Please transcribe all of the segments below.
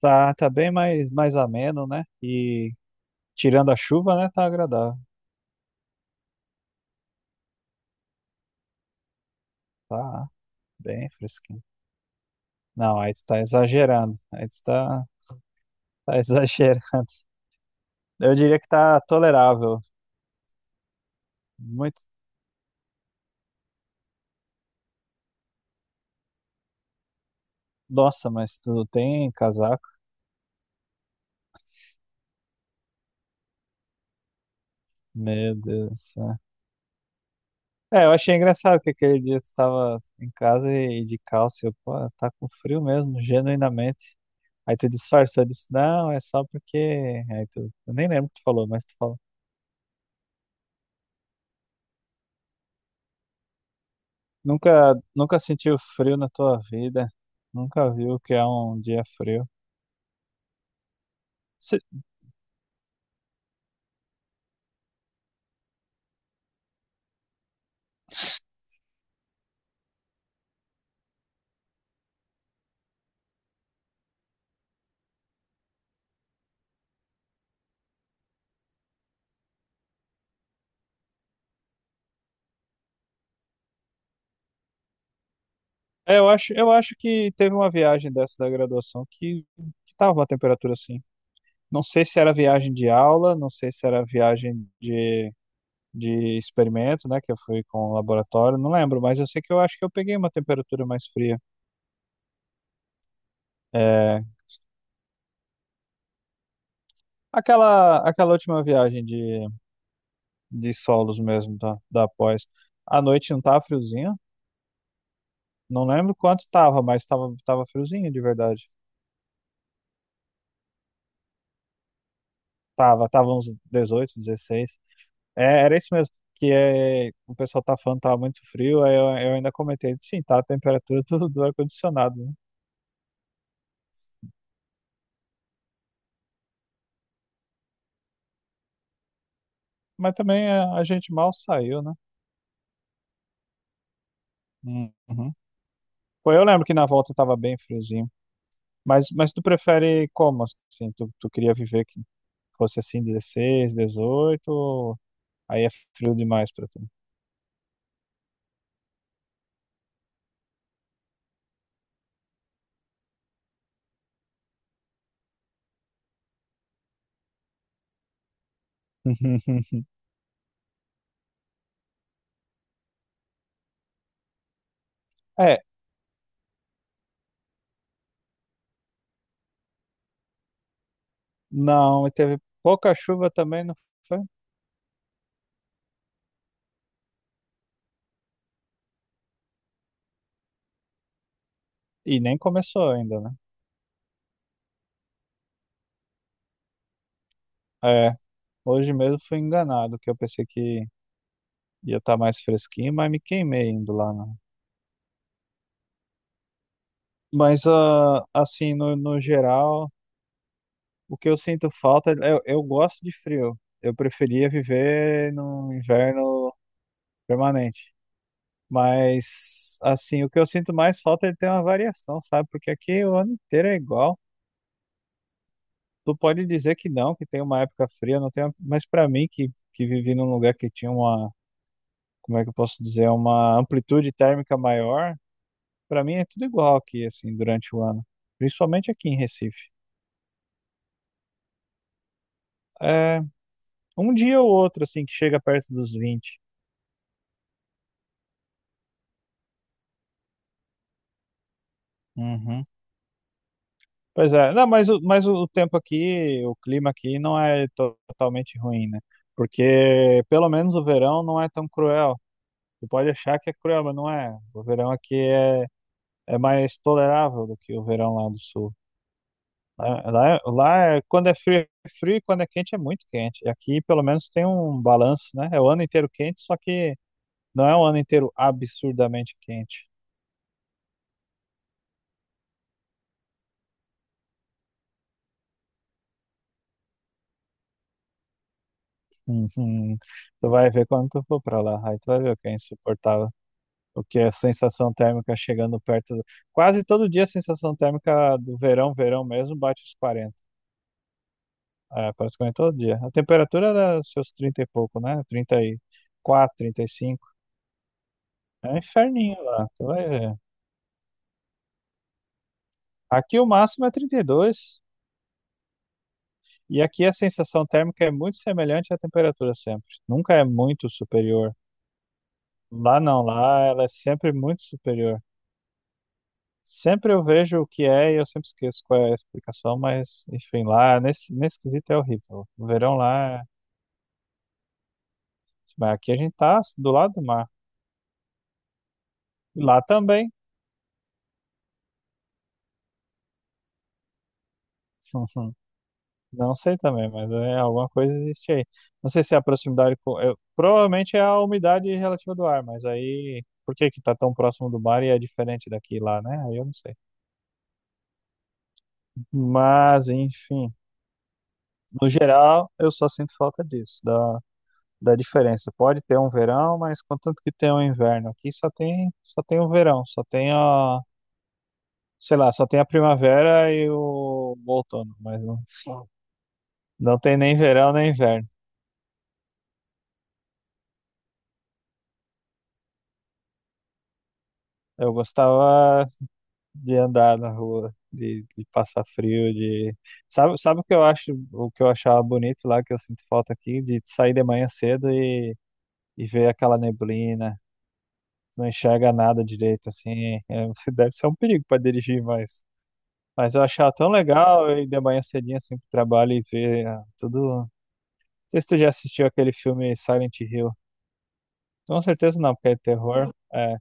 Tá, tá bem mais ameno, né? E tirando a chuva, né? Tá agradável. Tá bem fresquinho. Não, aí tu tá exagerando. Tá exagerando. Eu diria que tá tolerável. Muito. Nossa, mas tu não tem casaco? Meu Deus do céu. É, eu achei engraçado que aquele dia tu tava em casa e de calça. Eu, pô, tá com frio mesmo, genuinamente. Aí tu disfarçou, eu disse, não, é só porque. Aí tu, eu nem lembro o que tu falou, mas tu falou. Nunca sentiu frio na tua vida? Nunca viu o que é um dia frio? Se- É, eu acho que teve uma viagem dessa da graduação que tava uma temperatura assim. Não sei se era viagem de aula, não sei se era de experimento, né? Que eu fui com o laboratório, não lembro, mas eu sei que eu acho que eu peguei uma temperatura mais fria. É, aquela última de solos mesmo da pós. À noite não tava friozinho? Não lembro quanto tava, mas tava friozinho de verdade. Tava uns 18, 16. É, era isso mesmo, que é, o pessoal tá falando que tava muito frio, eu ainda comentei, sim, tá a temperatura do ar-condicionado, né? Mas também é, a gente mal saiu, né? Uhum. Pô, eu lembro que na volta tava bem friozinho. Mas tu prefere como, assim? Tu queria viver que fosse assim 16, 18? Ou aí é frio demais pra tu? É, não, e teve pouca chuva também, não foi? E nem começou ainda, né? É, hoje mesmo fui enganado, que eu pensei que ia estar mais fresquinho, mas me queimei indo lá, né? Mas, ah, assim, no, no geral, o que eu sinto falta, é, eu gosto de frio. Eu preferia viver num inverno permanente. Mas, assim, o que eu sinto mais falta é de ter uma variação, sabe? Porque aqui o ano inteiro é igual. Tu pode dizer que não, que tem uma época fria, não tem, uma- mas para mim, que vivi num lugar que tinha uma como é que eu posso dizer, é uma amplitude térmica maior, para mim é tudo igual aqui, assim, durante o ano, principalmente aqui em Recife. É, um dia ou outro, assim, que chega perto dos vinte. Uhum. Pois é, não, mas, o- mas o tempo aqui, o clima aqui não é to- totalmente ruim, né? Porque pelo menos o verão não é tão cruel. Você pode achar que é cruel, mas não é. O verão aqui é, é mais tolerável do que o verão lá do sul. É, lá é- quando é frio, e quando é quente, é muito quente. E aqui, pelo menos, tem um balanço, né? É o ano inteiro quente, só que não é o ano inteiro absurdamente quente. Uhum. Tu vai ver quando tu for pra lá. Aí tu vai ver o que é insuportável. O que é a sensação térmica chegando perto do- Quase todo dia a sensação térmica do verão, verão mesmo, bate os quarenta. É, praticamente todo dia. A temperatura era seus 30 e pouco, né? 34, 35. É um inferninho lá. Tu vai ver. Aqui o máximo é 32, e dois. E aqui a sensação térmica é muito semelhante à temperatura sempre. Nunca é muito superior. Lá não, lá ela é sempre muito superior. Sempre eu vejo o que é e eu sempre esqueço qual é a explicação, mas enfim, lá nesse quesito é horrível. O verão lá é- mas aqui a gente tá do lado do mar. E lá também. Não sei também, mas é alguma coisa existe aí. Não sei se é a proximidade com. Eu- provavelmente é a umidade relativa do ar, mas aí por que que tá tão próximo do mar e é diferente daqui e lá, né? Aí eu não sei. Mas, enfim, no geral, eu só sinto falta disso, da, da diferença. Pode ter um verão, mas contanto que tenha um inverno. Aqui só tem o verão, só tem a, sei lá, só tem a primavera e o outono, mas não, não tem nem verão nem inverno. Eu gostava de andar na rua, de passar frio, de sabe, sabe o que eu acho, o que eu achava bonito lá que eu sinto falta aqui, de sair de manhã cedo e ver aquela neblina, não enxerga nada direito assim. É, deve ser um perigo para dirigir, mas eu achava tão legal ir de manhã cedinho assim pro trabalho e ver ah, tudo. Não sei se tu já assistiu aquele filme Silent Hill. Com certeza não, porque é terror. É,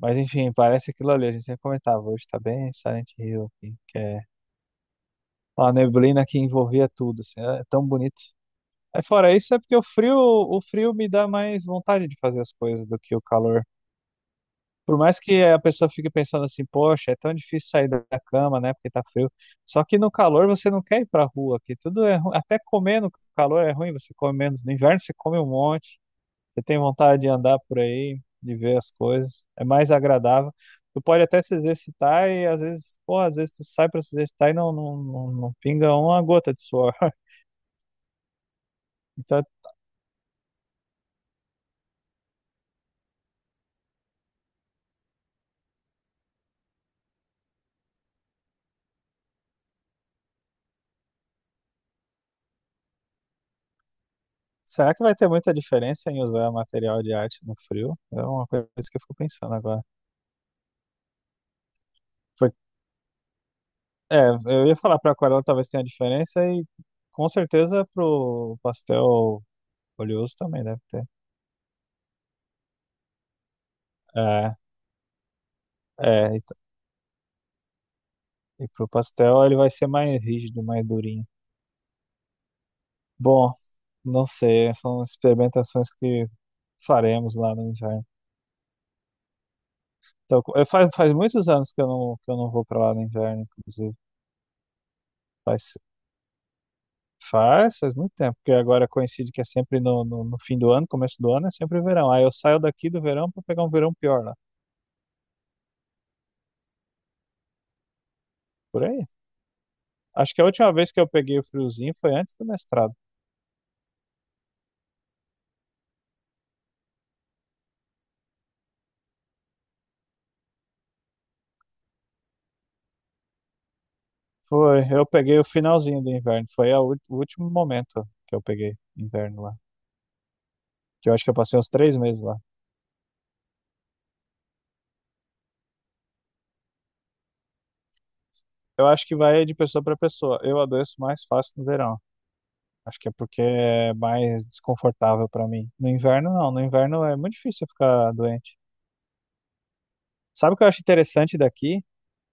mas enfim, parece aquilo ali. A gente sempre comentava, hoje tá bem Silent Hill, aqui, que é a neblina que envolvia tudo, assim, é é tão bonito. Aí fora isso é porque o frio me dá mais vontade de fazer as coisas do que o calor. Por mais que a pessoa fique pensando assim, poxa, é tão difícil sair da cama, né, porque tá frio. Só que no calor você não quer ir pra rua, que tudo é ruim. Até comer no calor é ruim, você come menos. No inverno você come um monte, você tem vontade de andar por aí, de ver as coisas. É mais agradável. Tu pode até se exercitar e às vezes, pô, às vezes tu sai pra se exercitar e não pinga uma gota de suor. Então, será que vai ter muita diferença em usar material de arte no frio? É uma coisa que eu fico pensando agora. Foi- é, eu ia falar para aquarela talvez tenha diferença e com certeza pro pastel oleoso também deve ter. É, e, e pro pastel ele vai ser mais rígido, mais durinho. Bom, não sei, são experimentações que faremos lá no inverno. Então, co- eu, faz, faz muitos anos que eu não vou para lá no inverno, inclusive. Faz, faz muito tempo, porque agora coincide que é sempre no fim do ano, começo do ano, é sempre verão. Aí eu saio daqui do verão para pegar um verão pior lá, por aí. Acho que a última vez que eu peguei o friozinho foi antes do mestrado. Foi, eu peguei o finalzinho do inverno, foi a ú- o último momento que eu peguei inverno lá. Que eu acho que eu passei uns três meses lá. Eu acho que vai de pessoa para pessoa. Eu adoeço mais fácil no verão. Acho que é porque é mais desconfortável para mim. No inverno, não. No inverno é muito difícil eu ficar doente. Sabe o que eu acho interessante daqui?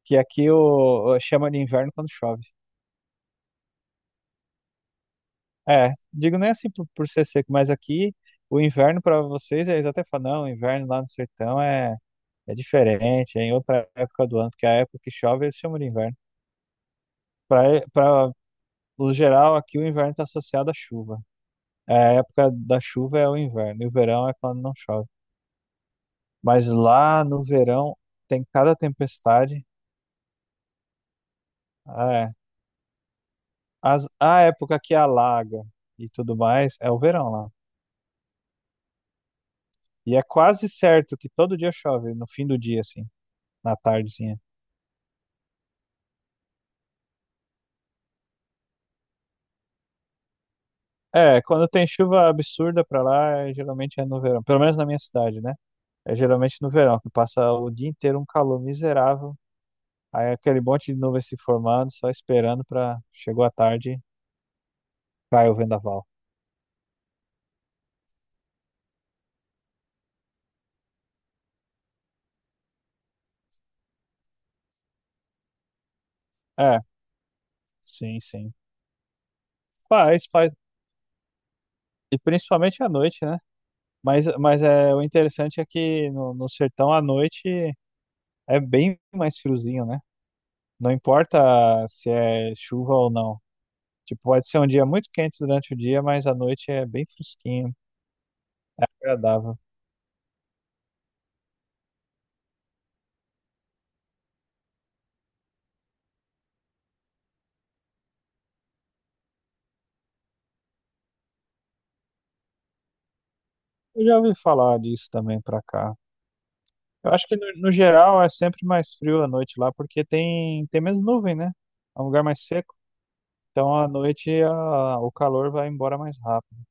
Que aqui o- chama de inverno quando chove. É, digo nem assim por ser seco, mas aqui o inverno para vocês, é, eles até falam, não, o inverno lá no sertão é, é diferente, é em outra época do ano, porque a época que chove eles chamam de inverno. Para o geral, aqui o inverno está associado à chuva. É, a época da chuva é o inverno, e o verão é quando não chove. Mas lá no verão tem cada tempestade. É, as, a época que alaga e tudo mais é o verão lá. E é quase certo que todo dia chove, no fim do dia, assim, na tardezinha. É, quando tem chuva absurda pra lá, é- geralmente é no verão. Pelo menos na minha cidade, né? É geralmente no verão, que passa o dia inteiro um calor miserável. Aí é aquele monte de nuvem se formando, só esperando pra... Chegou a tarde, cai o vendaval. É, sim, sim. Faz, faz. E principalmente à noite, né? Mas é, o interessante é que no, no sertão à noite é bem mais friozinho, né? Não importa se é chuva ou não. Tipo, pode ser um dia muito quente durante o dia, mas à noite é bem fresquinho, agradável. Eu já ouvi falar disso também pra cá. Eu acho que no, no geral é sempre mais frio à noite lá, porque tem, tem menos nuvem, né? É um lugar mais seco. Então à noite a- o calor vai embora mais rápido.